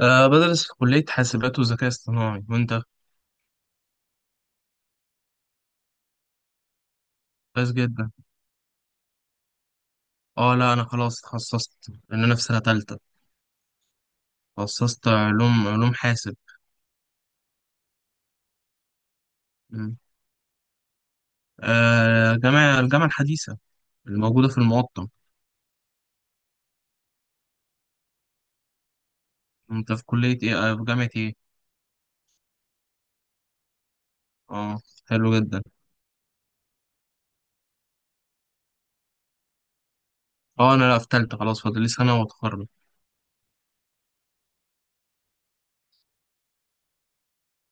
بدرس في كلية حاسبات وذكاء اصطناعي وأنت؟ كويس جدا. لا، أنا خلاص اتخصصت لأن أنا في سنة تالتة. اتخصصت علوم حاسب. مم. جامعة الحديثة الموجودة في المقطم. أنت في كلية إيه؟ في جامعة إيه؟ أه حلو جدا. أنا لا، في تالتة خلاص، فاضل لي سنة وأتخرج.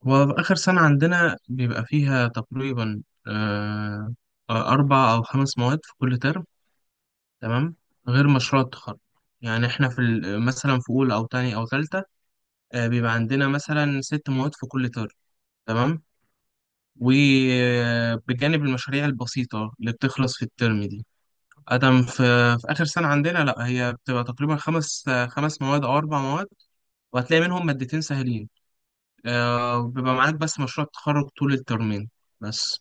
وفي آخر سنة عندنا بيبقى فيها تقريبا أه آه، أربع أو خمس مواد في كل ترم. تمام. غير مشروع التخرج. يعني احنا مثلا في اولى او تانية او تالتة، بيبقى عندنا مثلا ست مواد في كل ترم. تمام. وبجانب المشاريع البسيطة اللي بتخلص في الترم دي. أدم في, في آخر سنة عندنا لأ هي بتبقى تقريبا خمس مواد أو أربع مواد. وهتلاقي منهم مادتين سهلين، بيبقى معاك بس مشروع التخرج طول الترمين. بس.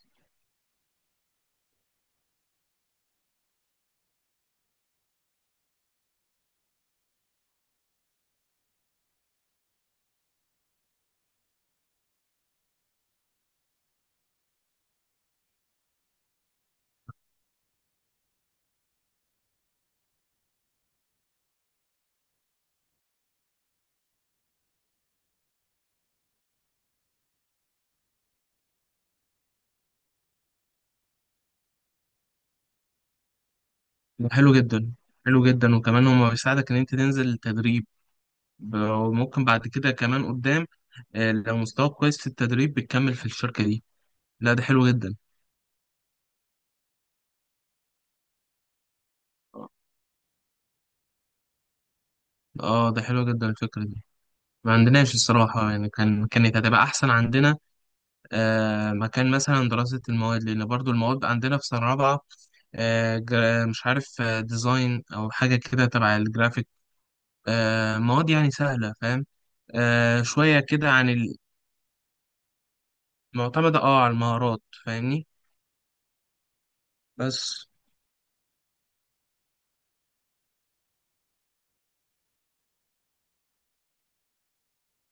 حلو جدا. حلو جدا، وكمان هو بيساعدك إن أنت تنزل تدريب. وممكن بعد كده كمان قدام، لو مستواك كويس في التدريب بتكمل في الشركة دي. لا، ده حلو جدا. اه، ده حلو جدا الفكرة دي. ما عندناش الصراحة، يعني كانت هتبقى أحسن عندنا مكان مثلا دراسة المواد، لأن برضو المواد عندنا في سنة رابعة مش عارف، ديزاين أو حاجة كده تبع الجرافيك. مواد يعني سهلة، فاهم، شوية كده عن المعتمدة، على المهارات، فاهمني. بس.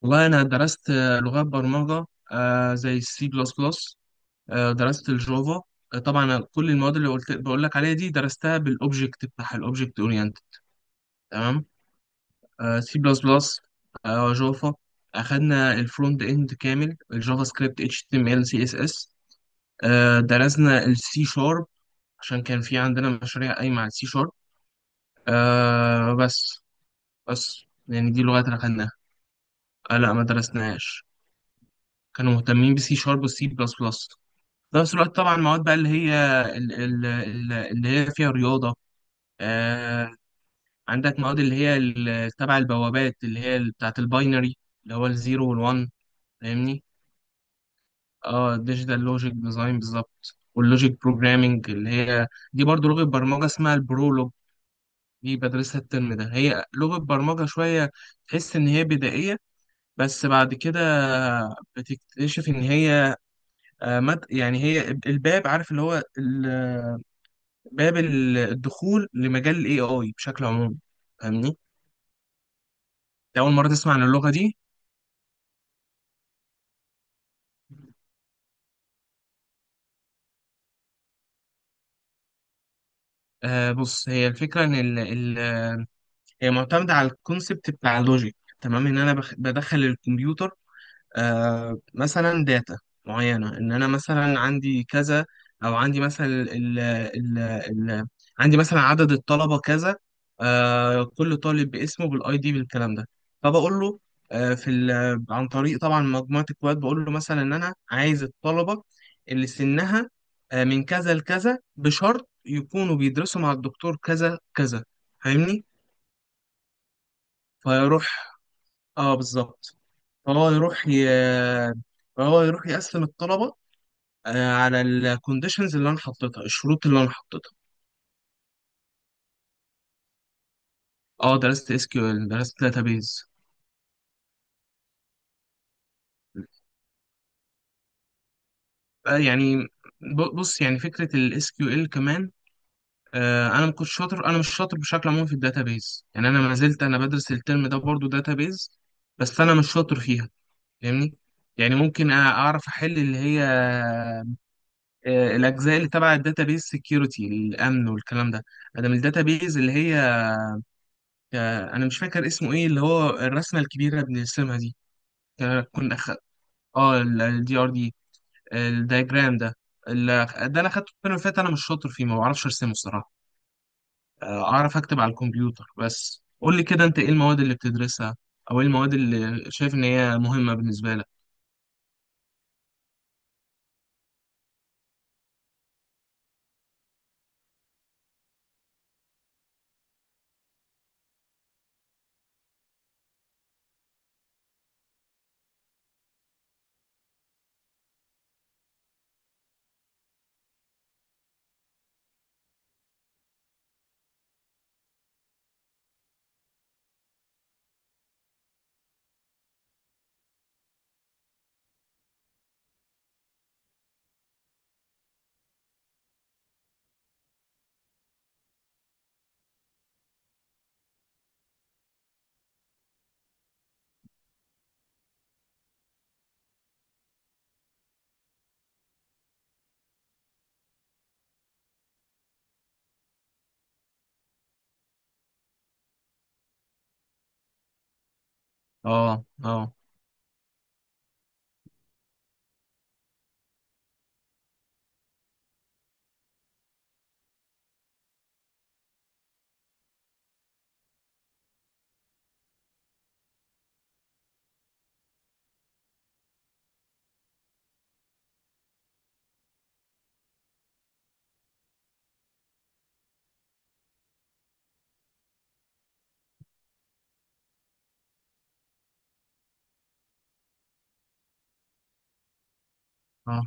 والله أنا درست لغات برمجة، زي السي بلس بلس، درست الجافا. طبعا كل المواد اللي قلت بقول لك عليها دي درستها بالاوبجكت بتاعها، الاوبجكت اورينت. تمام. سي بلس بلس، جافا. اخدنا الفرونت اند كامل، الجافا سكريبت، اتش تي ام ال، سي اس اس. درسنا السي شارب، عشان كان في عندنا مشاريع قايمه على السي شارب. بس. يعني دي اللغات اللي اخدناها. لا، ما درسناهاش. كانوا مهتمين بسي شارب والسي بلس بلس. في نفس الوقت طبعا المواد بقى اللي هي اللي هي فيها رياضة. آه عندك مواد اللي هي تبع البوابات اللي هي بتاعت الباينري، اللي هو الزيرو والوان، فاهمني. اه ديجيتال لوجيك ديزاين بالظبط، واللوجيك بروجرامينج اللي هي دي برضو لغة برمجة اسمها البرولوج. دي بدرسها الترم ده، هي لغة برمجة شوية تحس إن هي بدائية، بس بعد كده بتكتشف إن هي آه، مد يعني هي الباب، عارف، اللي هو باب الدخول لمجال ال AI بشكل عام. فاهمني؟ أنت أول مرة تسمع عن اللغة دي؟ بص، هي الفكرة إن ال ال هي معتمدة على الكونسبت بتاع اللوجيك. تمام، إن أنا بدخل الكمبيوتر مثلا داتا معينة، إن أنا مثلا عندي كذا، أو عندي مثلا ال ال ال عندي مثلا عدد الطلبة كذا. كل طالب باسمه بالاي دي بالكلام ده. فبقول له عن طريق طبعا مجموعة اكواد بقول له مثلا إن أنا عايز الطلبة اللي سنها من كذا لكذا، بشرط يكونوا بيدرسوا مع الدكتور كذا كذا. فاهمني؟ فيروح. اه، بالظبط. فهو يروح ي... فهو يروح يقسم الطلبة على الكونديشنز اللي أنا حطيتها، الشروط اللي أنا حطيتها. درست اس كيو ال، درست داتابيز. يعني بص يعني فكرة الاس كيو ال كمان انا ما كنتش شاطر، انا مش شاطر بشكل عام في الداتابيز، يعني انا ما زلت انا بدرس الترم ده برضو داتابيز، بس انا مش شاطر فيها، فاهمني. يعني ممكن اعرف احل اللي هي الاجزاء اللي تبع الداتابيز سكيورتي، الامن والكلام ده. ادم الداتابيز اللي هي انا مش فاكر اسمه ايه، اللي هو الرسمه الكبيره اللي بنرسمها دي. آه، كنا أخ... اه، الدي ار دي، الدايجرام ده. ده انا خدته الترم اللي فات، انا مش شاطر فيه، ما بعرفش ارسمه الصراحه. اعرف اكتب على الكمبيوتر. بس قول لي كده انت ايه المواد اللي بتدرسها، او ايه المواد اللي شايف ان هي مهمه بالنسبه لك؟ اه، اه، اه،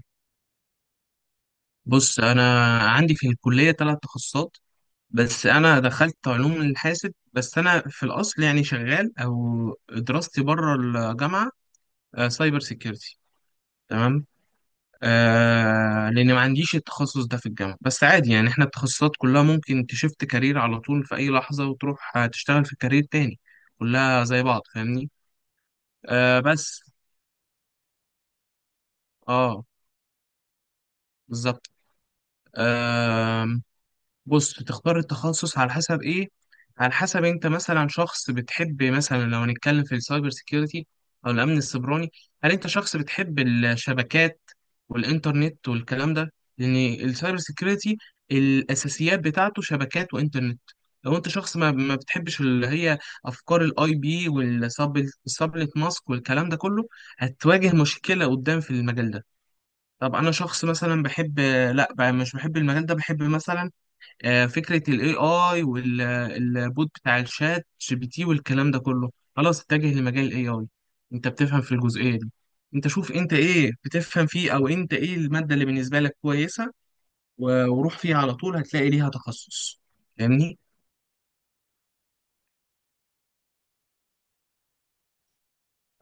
بص انا عندي في الكليه ثلاث تخصصات، بس انا دخلت علوم الحاسب. بس انا في الاصل يعني شغال، او دراستي بره الجامعه، سايبر سيكيورتي. تمام. لان ما عنديش التخصص ده في الجامعه، بس عادي، يعني احنا التخصصات كلها ممكن تشفت كارير على طول في اي لحظه وتروح تشتغل في كارير تاني، كلها زي بعض، فاهمني. بس. اه، بالظبط. آه. بص تختار التخصص على حسب ايه؟ على حسب انت مثلا شخص بتحب مثلا، لو هنتكلم في السايبر سيكيورتي او الامن السيبراني، هل انت شخص بتحب الشبكات والانترنت والكلام ده؟ لان السايبر سيكيورتي، الاساسيات بتاعته شبكات وانترنت. لو انت شخص ما، ما بتحبش اللي هي افكار الاي بي والسبلت ماسك والكلام ده كله، هتواجه مشكلة قدام في المجال ده. طب انا شخص مثلا بحب، لا بقى مش بحب المجال ده، بحب مثلا فكرة ال AI والبوت بتاع الشات جي بي تي والكلام ده كله، خلاص اتجه لمجال ال AI. انت بتفهم في الجزئية دي؟ انت شوف انت ايه بتفهم فيه، او انت ايه المادة اللي بالنسبة لك كويسة، وروح فيها على طول، هتلاقي ليها تخصص، فاهمني؟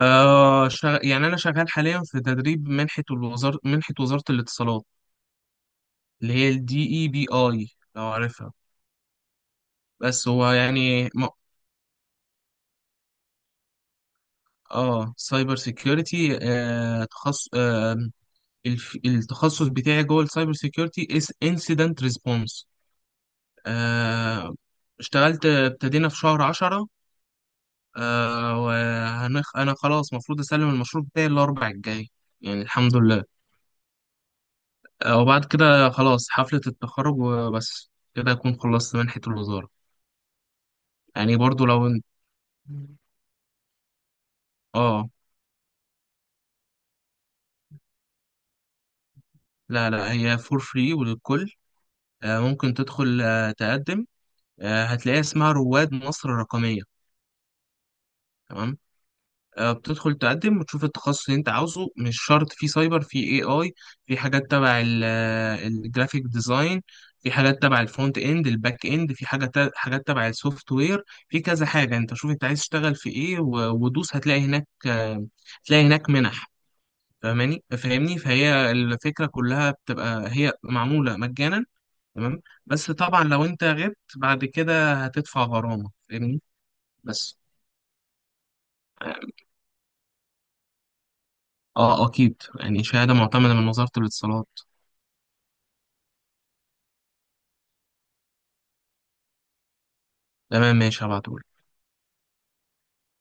يعني انا شغال حاليا في تدريب منحة الوزارة، منحة وزارة الاتصالات، اللي هي الدي اي بي اي، لو عارفها. بس هو يعني اه، سايبر سيكيورتي، تخصص، التخصص بتاعي جوه السايبر سيكيورتي اس انسيدنت ريسبونس. اشتغلت ابتدينا في شهر عشرة. وهنخ... انا خلاص المفروض اسلم المشروع بتاعي الاربع الجاي، يعني الحمد لله. وبعد كده خلاص حفلة التخرج، وبس كده اكون خلصت منحة الوزارة. يعني برضو لو انت. اه، لا، لا، هي فور فري وللكل. ممكن تدخل تقدم، هتلاقيها اسمها رواد مصر الرقمية. تمام. بتدخل تقدم وتشوف التخصص اللي انت عاوزه، مش شرط في سايبر، في اي اي، في حاجات تبع الجرافيك ديزاين، في حاجات تبع الفرونت اند، الباك اند، حاجات تبع السوفت وير. في كذا حاجه، انت شوف انت عايز تشتغل في ايه ودوس، هتلاقي هناك، هتلاقي هناك منح، فاهمني. فهي الفكره كلها بتبقى هي معموله مجانا. تمام. بس طبعا لو انت غبت بعد كده هتدفع غرامه، فاهمني. بس. اه، اكيد، يعني شهادة معتمدة من وزارة الاتصالات. تمام، ماشي، هبعتهولك.